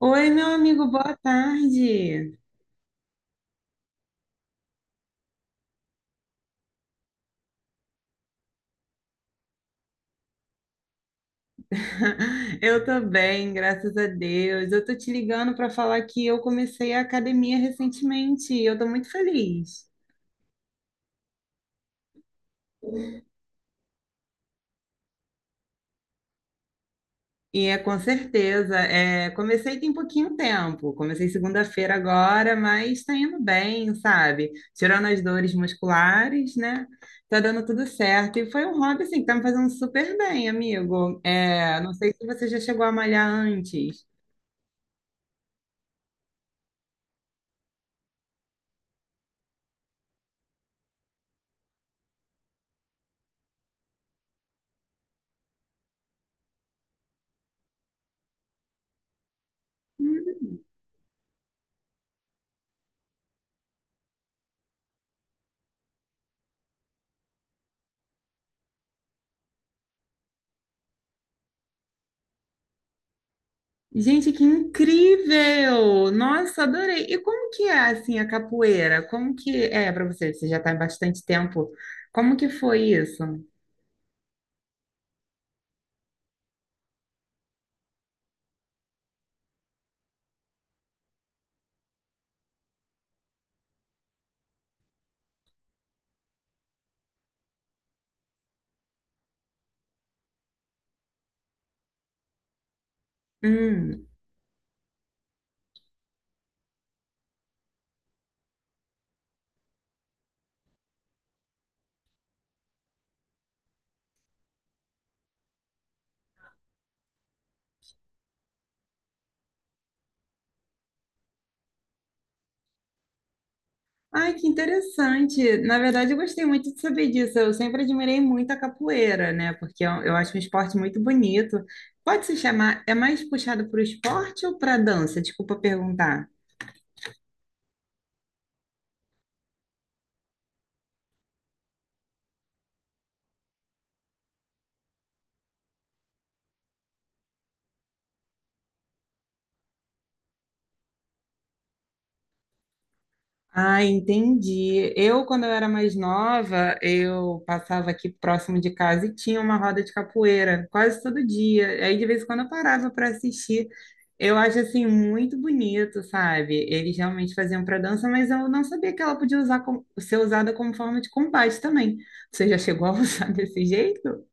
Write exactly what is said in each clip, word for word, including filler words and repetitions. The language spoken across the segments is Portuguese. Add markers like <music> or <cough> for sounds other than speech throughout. Oi, meu amigo, boa tarde. <laughs> Eu tô bem, graças a Deus. Eu tô te ligando para falar que eu comecei a academia recentemente. e Eu tô muito feliz. E é com certeza, é, comecei tem pouquinho tempo. Comecei segunda-feira agora, mas tá indo bem, sabe? Tirando as dores musculares, né? Tá dando tudo certo. E foi um hobby assim que tá me fazendo super bem, amigo. É, não sei se você já chegou a malhar antes. Gente, que incrível! Nossa, adorei. E como que é assim a capoeira? Como que é para você? Você já está há bastante tempo. Como que foi isso? Hum. Ai, que interessante. Na verdade, eu gostei muito de saber disso. Eu sempre admirei muito a capoeira, né? Porque eu, eu acho um esporte muito bonito. Pode se chamar, é mais puxado para o esporte ou para dança? Desculpa perguntar. Ah, entendi. Eu, quando eu era mais nova, eu passava aqui próximo de casa e tinha uma roda de capoeira quase todo dia. Aí, de vez em quando, eu parava para assistir. Eu acho, assim, muito bonito, sabe? Eles realmente faziam para dança, mas eu não sabia que ela podia usar como- ser usada como forma de combate também. Você já chegou a usar <laughs> desse jeito?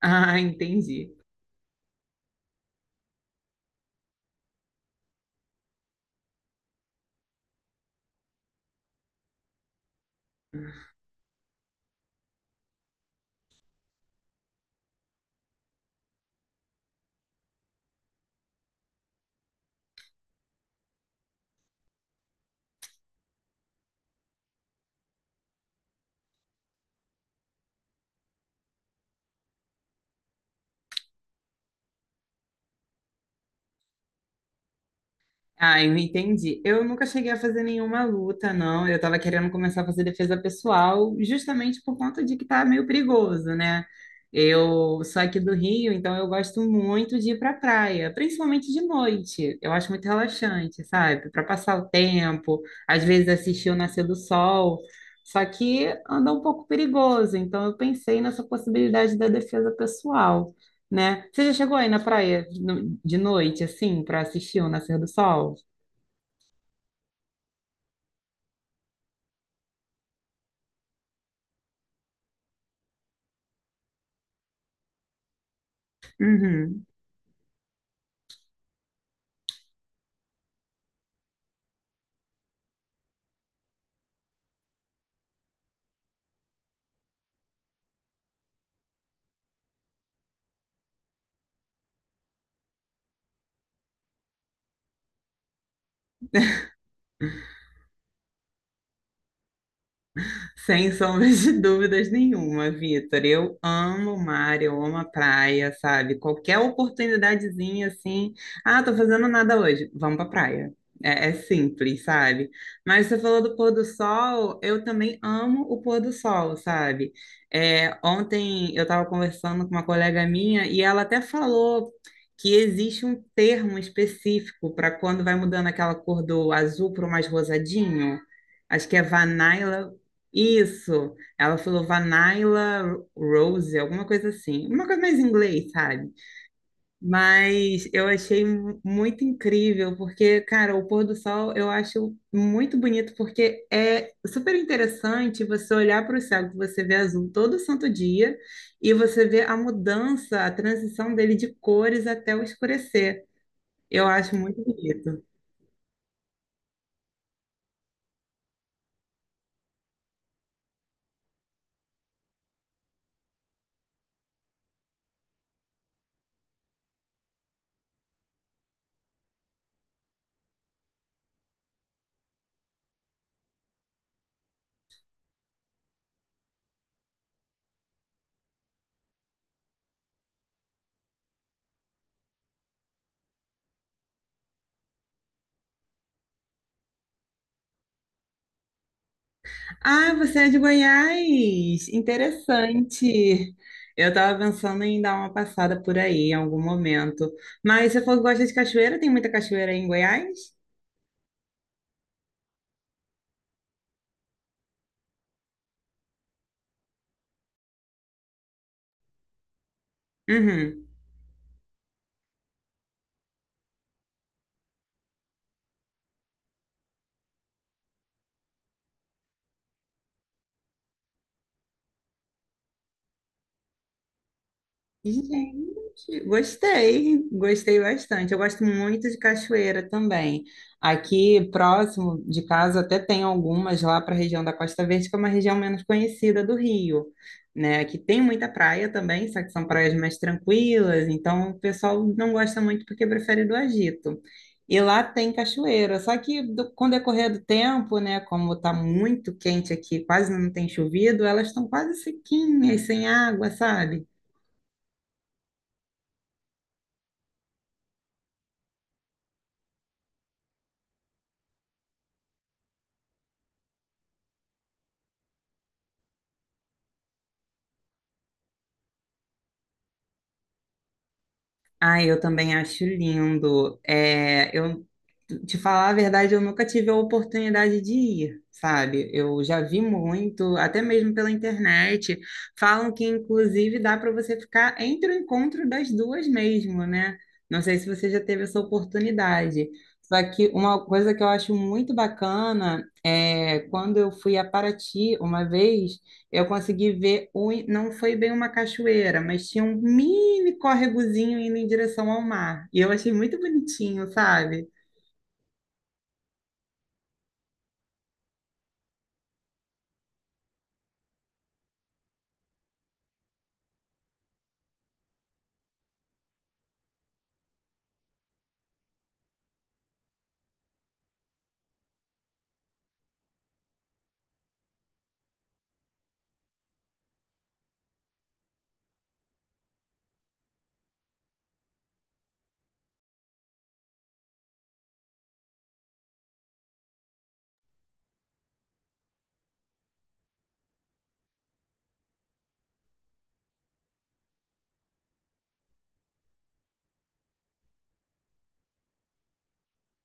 Ah, entendi. Ah, eu entendi. Eu nunca cheguei a fazer nenhuma luta, não. Eu estava querendo começar a fazer defesa pessoal, justamente por conta de que tá meio perigoso, né? Eu sou aqui do Rio, então eu gosto muito de ir para praia, principalmente de noite. Eu acho muito relaxante, sabe? Para passar o tempo, às vezes assistir o nascer do sol. Só que anda um pouco perigoso, então eu pensei nessa possibilidade da defesa pessoal, né? Você já chegou aí na praia no- de noite, assim, para assistir o nascer do sol? Uhum. Sem sombra de dúvidas nenhuma, Vitor. Eu amo o mar, eu amo a praia, sabe? Qualquer oportunidadezinha assim, ah, tô fazendo nada hoje, vamos pra praia. É, é simples, sabe? Mas você falou do pôr do sol, eu também amo o pôr do sol, sabe? É, ontem eu estava conversando com uma colega minha e ela até falou que existe um termo específico para quando vai mudando aquela cor do azul para o mais rosadinho. Acho que é vanilla, isso, ela falou Vanilla Rose, alguma coisa assim, uma coisa mais em inglês, sabe? Mas eu achei mu- muito incrível, porque, cara, o pôr do sol eu acho muito bonito, porque é super interessante você olhar para o céu, que você vê azul todo santo dia, e você vê a mudança, a transição dele de cores até o escurecer. Eu acho muito bonito. Ah, você é de Goiás? Interessante. Eu estava pensando em dar uma passada por aí em algum momento. Mas você falou que gosta de cachoeira, tem muita cachoeira aí em Goiás? Uhum. Gente, gostei, gostei bastante. Eu gosto muito de cachoeira também. Aqui próximo de casa até tem algumas lá para a região da Costa Verde, que é uma região menos conhecida do Rio, né? Que tem muita praia também, só que são praias mais tranquilas, então o pessoal não gosta muito porque prefere do agito. E lá tem cachoeira, só que do- com o decorrer do tempo, né, como tá muito quente aqui, quase não tem chovido, elas estão quase sequinhas, sem água, sabe? Ai, eu também acho lindo. É, eu te falar a verdade, eu nunca tive a oportunidade de ir, sabe? Eu já vi muito, até mesmo pela internet. Falam que inclusive dá para você ficar entre o encontro das duas mesmo, né? Não sei se você já teve essa oportunidade. Só que uma coisa que eu acho muito bacana é quando eu fui a Paraty uma vez. Eu consegui ver, o, não foi bem uma cachoeira, mas tinha um mini córregozinho indo em direção ao mar. E eu achei muito bonitinho, sabe?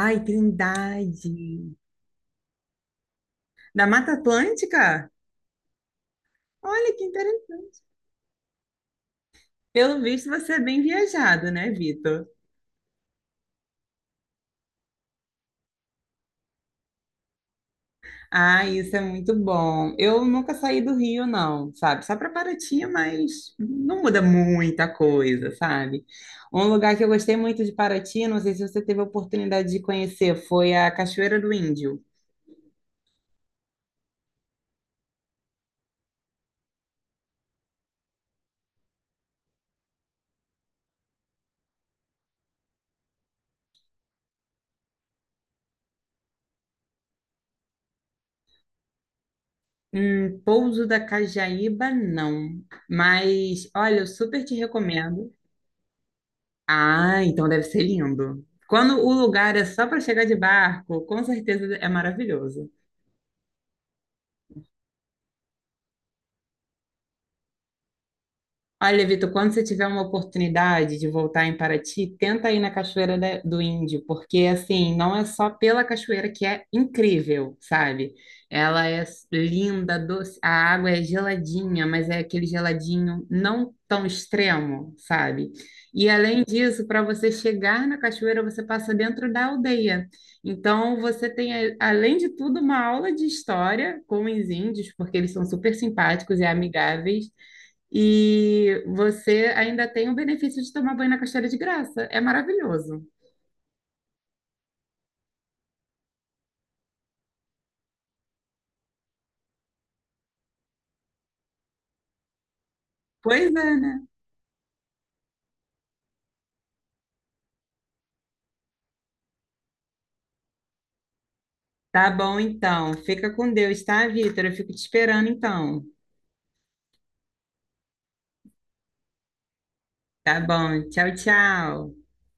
Ai, Trindade! Da Mata Atlântica? Olha que interessante. Pelo visto, você é bem viajado, né, Vitor? Ah, isso é muito bom. Eu nunca saí do Rio, não, sabe? Só para Paraty, mas não muda muita coisa, sabe? Um lugar que eu gostei muito de Paraty, não sei se você teve a oportunidade de conhecer, foi a Cachoeira do Índio. Hum, Pouso da Cajaíba, não. Mas, olha, eu super te recomendo. Ah, então deve ser lindo. Quando o lugar é só para chegar de barco, com certeza é maravilhoso. Olha, Vitor, quando você tiver uma oportunidade de voltar em Paraty, tenta ir na Cachoeira da- do Índio, porque assim, não é só pela cachoeira que é incrível, sabe? Ela é s- linda, doce, a água é geladinha, mas é aquele geladinho não tão extremo, sabe? E além disso, para você chegar na cachoeira, você passa dentro da aldeia. Então, você tem, a- além de tudo, uma aula de história com os índios, porque eles são super simpáticos e amigáveis. E você ainda tem o benefício de tomar banho na cachoeira de graça. É maravilhoso. Pois é, né? Tá bom, então. Fica com Deus, tá, Vitor? Eu fico te esperando, então. Tá bom. Tchau, tchau.